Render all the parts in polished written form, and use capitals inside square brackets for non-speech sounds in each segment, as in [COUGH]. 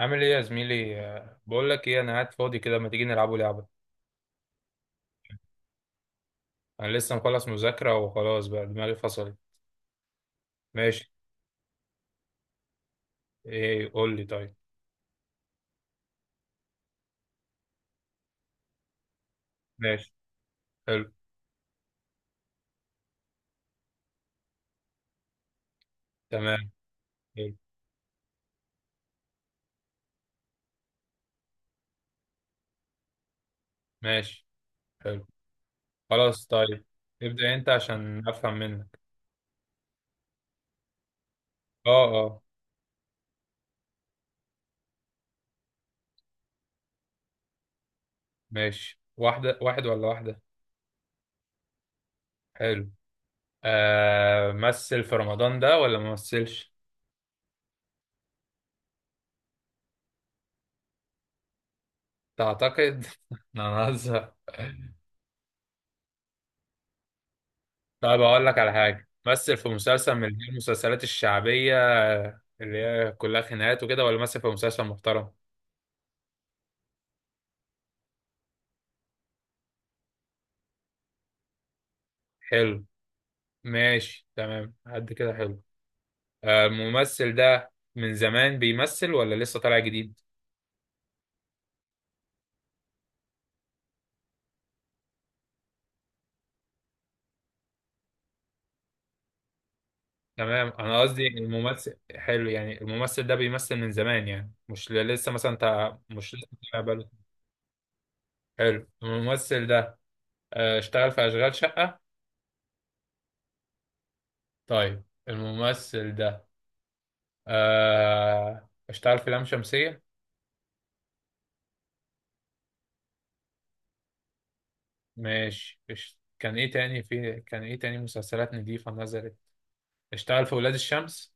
عامل ايه يا زميلي، بقول لك ايه، انا قاعد فاضي كده، ما تيجي نلعبوا لعبه؟ انا لسه مخلص مذاكره وخلاص بقى دماغي فصلت. ماشي. ايه قول لي؟ طيب ماشي حلو. تمام حلو. ماشي حلو. خلاص طيب. ابدا انت عشان افهم منك. اه اه، ماشي. واحده، واحد ولا واحده؟ حلو. مثل في رمضان ده ولا ما مثلش؟ تعتقد؟ [LAUGHS] انا هزهق. طيب اقول لك على حاجه، مثل في مسلسل من اللي هي المسلسلات الشعبيه اللي هي كلها خناقات وكده، ولا مثل في مسلسل محترم؟ حلو. ماشي تمام قد كده حلو. الممثل ده من زمان بيمثل ولا لسه طالع جديد؟ تمام، انا قصدي الممثل حلو، يعني الممثل ده بيمثل من زمان، يعني مش لسه، مثلا انت مش لسه طالع بقاله. حلو الممثل ده. اشتغل في اشغال شقه؟ طيب الممثل ده اشتغل في لام شمسيه؟ ماشي. كان ايه تاني في، كان ايه تاني مسلسلات نضيفة نزلت؟ اشتغل في ولاد الشمس؟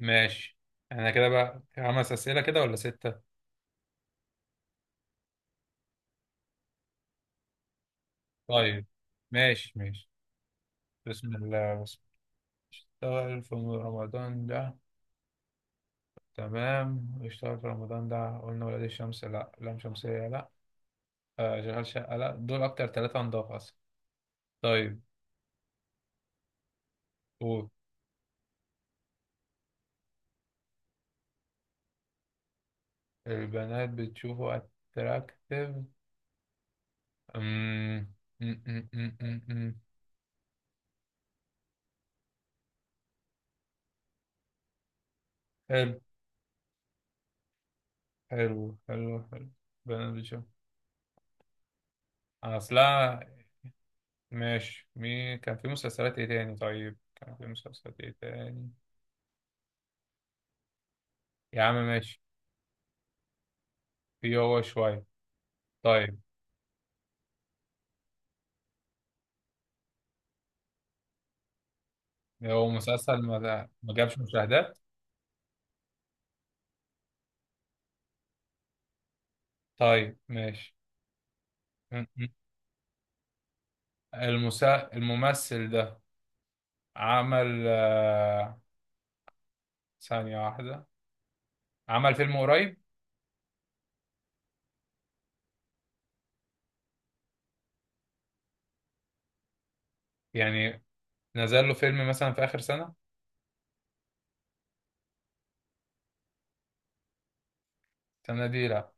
ماشي. احنا كده بقى خمس اسئلة كده ولا ستة؟ طيب ماشي ماشي. بسم الله، بسم الله. اشتغل في رمضان ده. تمام اشتغل في رمضان ده، قلنا ولاد الشمس لا، لام شمسية لا، شغال شقة لا، دول اكتر ثلاثة نضاف اصلا. طيب قول. البنات بتشوفه اتراكتيف؟ أمم، أمم، أمم، أمم، أمم. حلو. حلو حلو حلو، بنات بتشوف اصلا. ماشي مين كان في مسلسلات ايه تاني؟ طيب كان في مسلسلات ايه تاني؟ يا عم ماشي. في هو شوية. طيب هو مسلسل ما جابش مشاهدات؟ طيب ماشي. م- م. الممثل ده عمل، ثانية واحدة، عمل فيلم قريب؟ يعني نزل له فيلم مثلا في آخر سنة؟ السنة دي لا.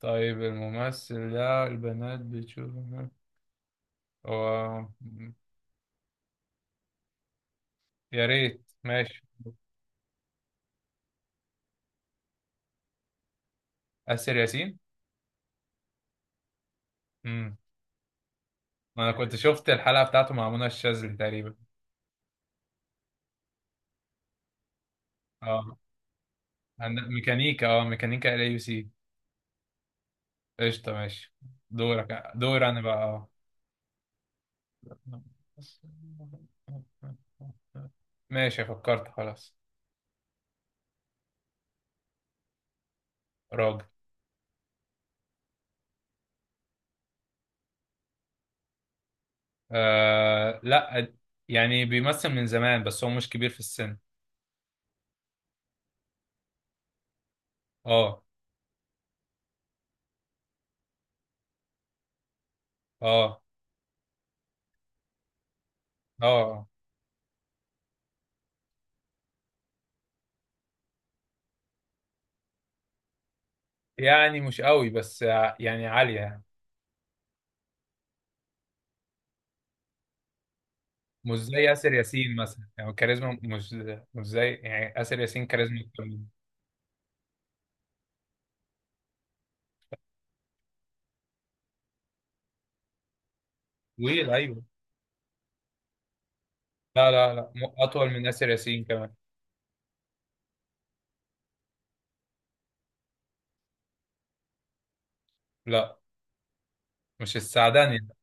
طيب الممثل ده البنات بتشوفه هو؟ يا ريت ماشي. آسر ياسين. امم، انا كنت شفت الحلقة بتاعته مع منى الشاذلي تقريبا. اه ميكانيكا، اه ميكانيكا ال يو سي. قشطة ماشي. دورك، دور انا بقى اه. ماشي فكرت خلاص. راجل. آه لا، يعني بيمثل من زمان بس هو مش كبير في السن. اه. اه. اه. يعني مش قوي بس يعني عالية. مش زي ياسر ياسين مثلا، يعني كاريزما مش، مش زي يعني ياسر ياسين، كاريزما أكتر منه. طويل ايوه. لا لا لا، اطول من ياسر ياسين كمان. لا، مش السعداني ده.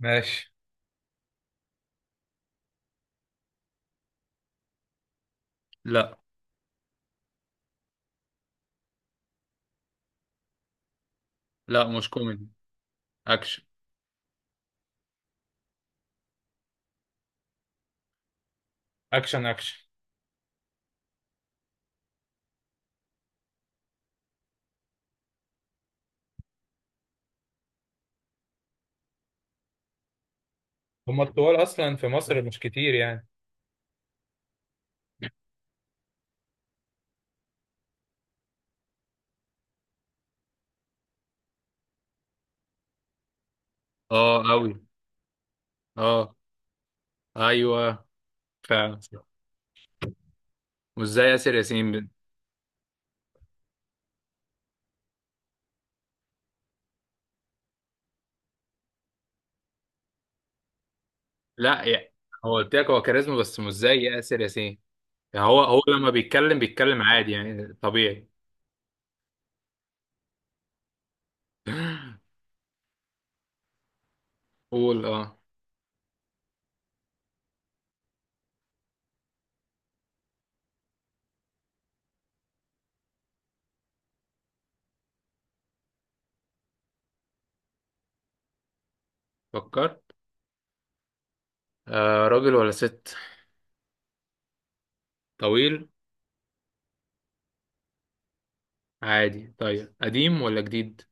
ماشي. لا لا، مش كوميدي. اكشن. اكشن اكشن. هما الطوال اصلا في مصر مش كتير يعني. اه قوي. اه. ايوه فعلا صح. مش زي ياسر ياسين لا يعني، هو قلت لك هو كاريزما بس مش زي ياسر ياسين، يعني هو هو لما بيتكلم بيتكلم عادي يعني طبيعي. [LAUGHS] قول اه. فكرت. راجل ولا ست؟ طويل؟ عادي؟ طيب قديم ولا جديد؟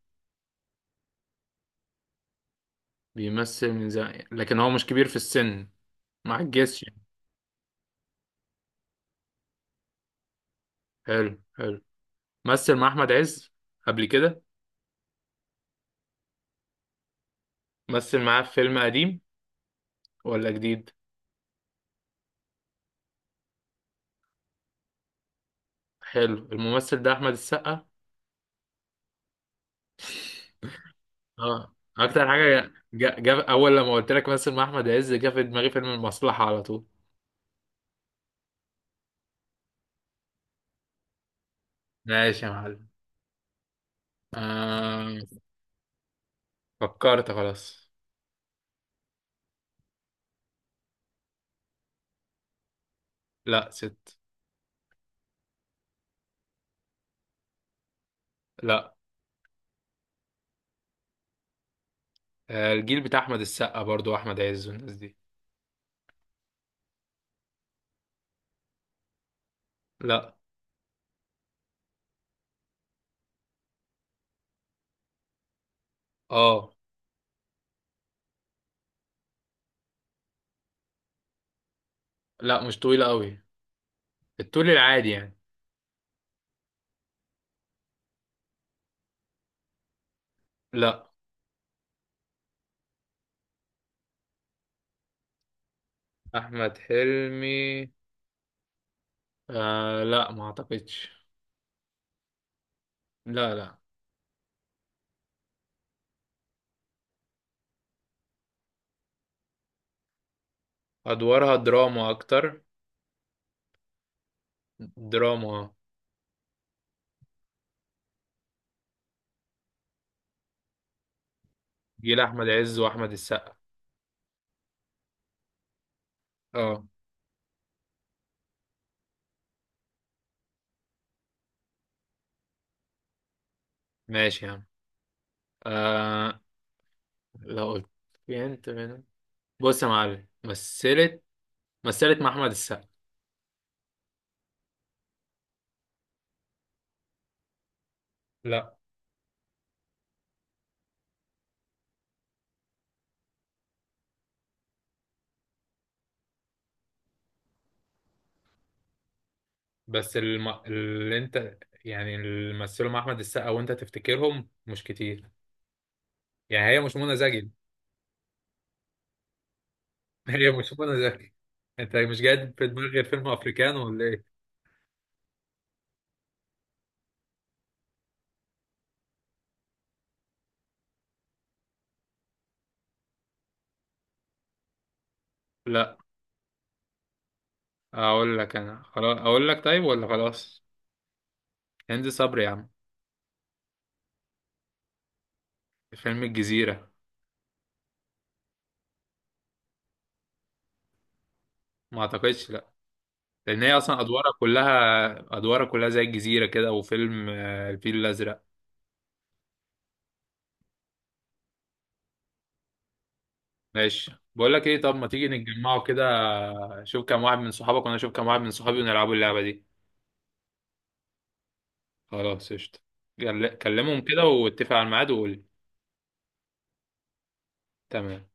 بيمثل من زمان لكن هو مش كبير في السن، ما عجزش يعني. حلو حلو. مثل مع أحمد عز قبل كده؟ مثل معاه في فيلم قديم ولا جديد؟ حلو، الممثل ده أحمد السقا. اه، أكتر حاجة جا أول لما قلت لك مثل مع أحمد عز، جه في دماغي فيلم المصلحة على طول. ماشي يا معلم. آه فكرت خلاص. لا ست. لا. الجيل بتاع احمد السقا برضو، احمد عز والناس دي. لا. اه. لا مش طويلة قوي، الطول العادي يعني. لا. احمد حلمي؟ لا ما اعتقدش، لا لا. ادوارها دراما اكتر، دراما. جيل احمد عز واحمد السقا. اه. ماشي يا عم. آه، لو قلت، في انت من، بص يا معلم مثلت. مثلت مع احمد السقا. لا. بس اللي انت، يعني اللي مثلوا مع احمد السقا وانت تفتكرهم مش كتير، يعني هي مش منى زكي؟ [LAUGHS] هي مش منى زكي. انت مش جاي في دماغك غير فيلم افريكانو ولا ايه؟ لا. اقول لك انا خلاص، اقول لك طيب ولا خلاص؟ هند صبري يا عم. فيلم الجزيرة. ما اعتقدش لا، لان هي اصلا ادوارها كلها، ادوارها كلها زي الجزيرة كده وفيلم الفيل الازرق. ماشي بقول لك ايه، طب ما تيجي نتجمعوا كده، شوف كام واحد من صحابك وانا اشوف كام واحد من صحابي ونلعبوا اللعبة دي. خلاص قشطة. كلمهم كده واتفق على الميعاد وقول لي. تمام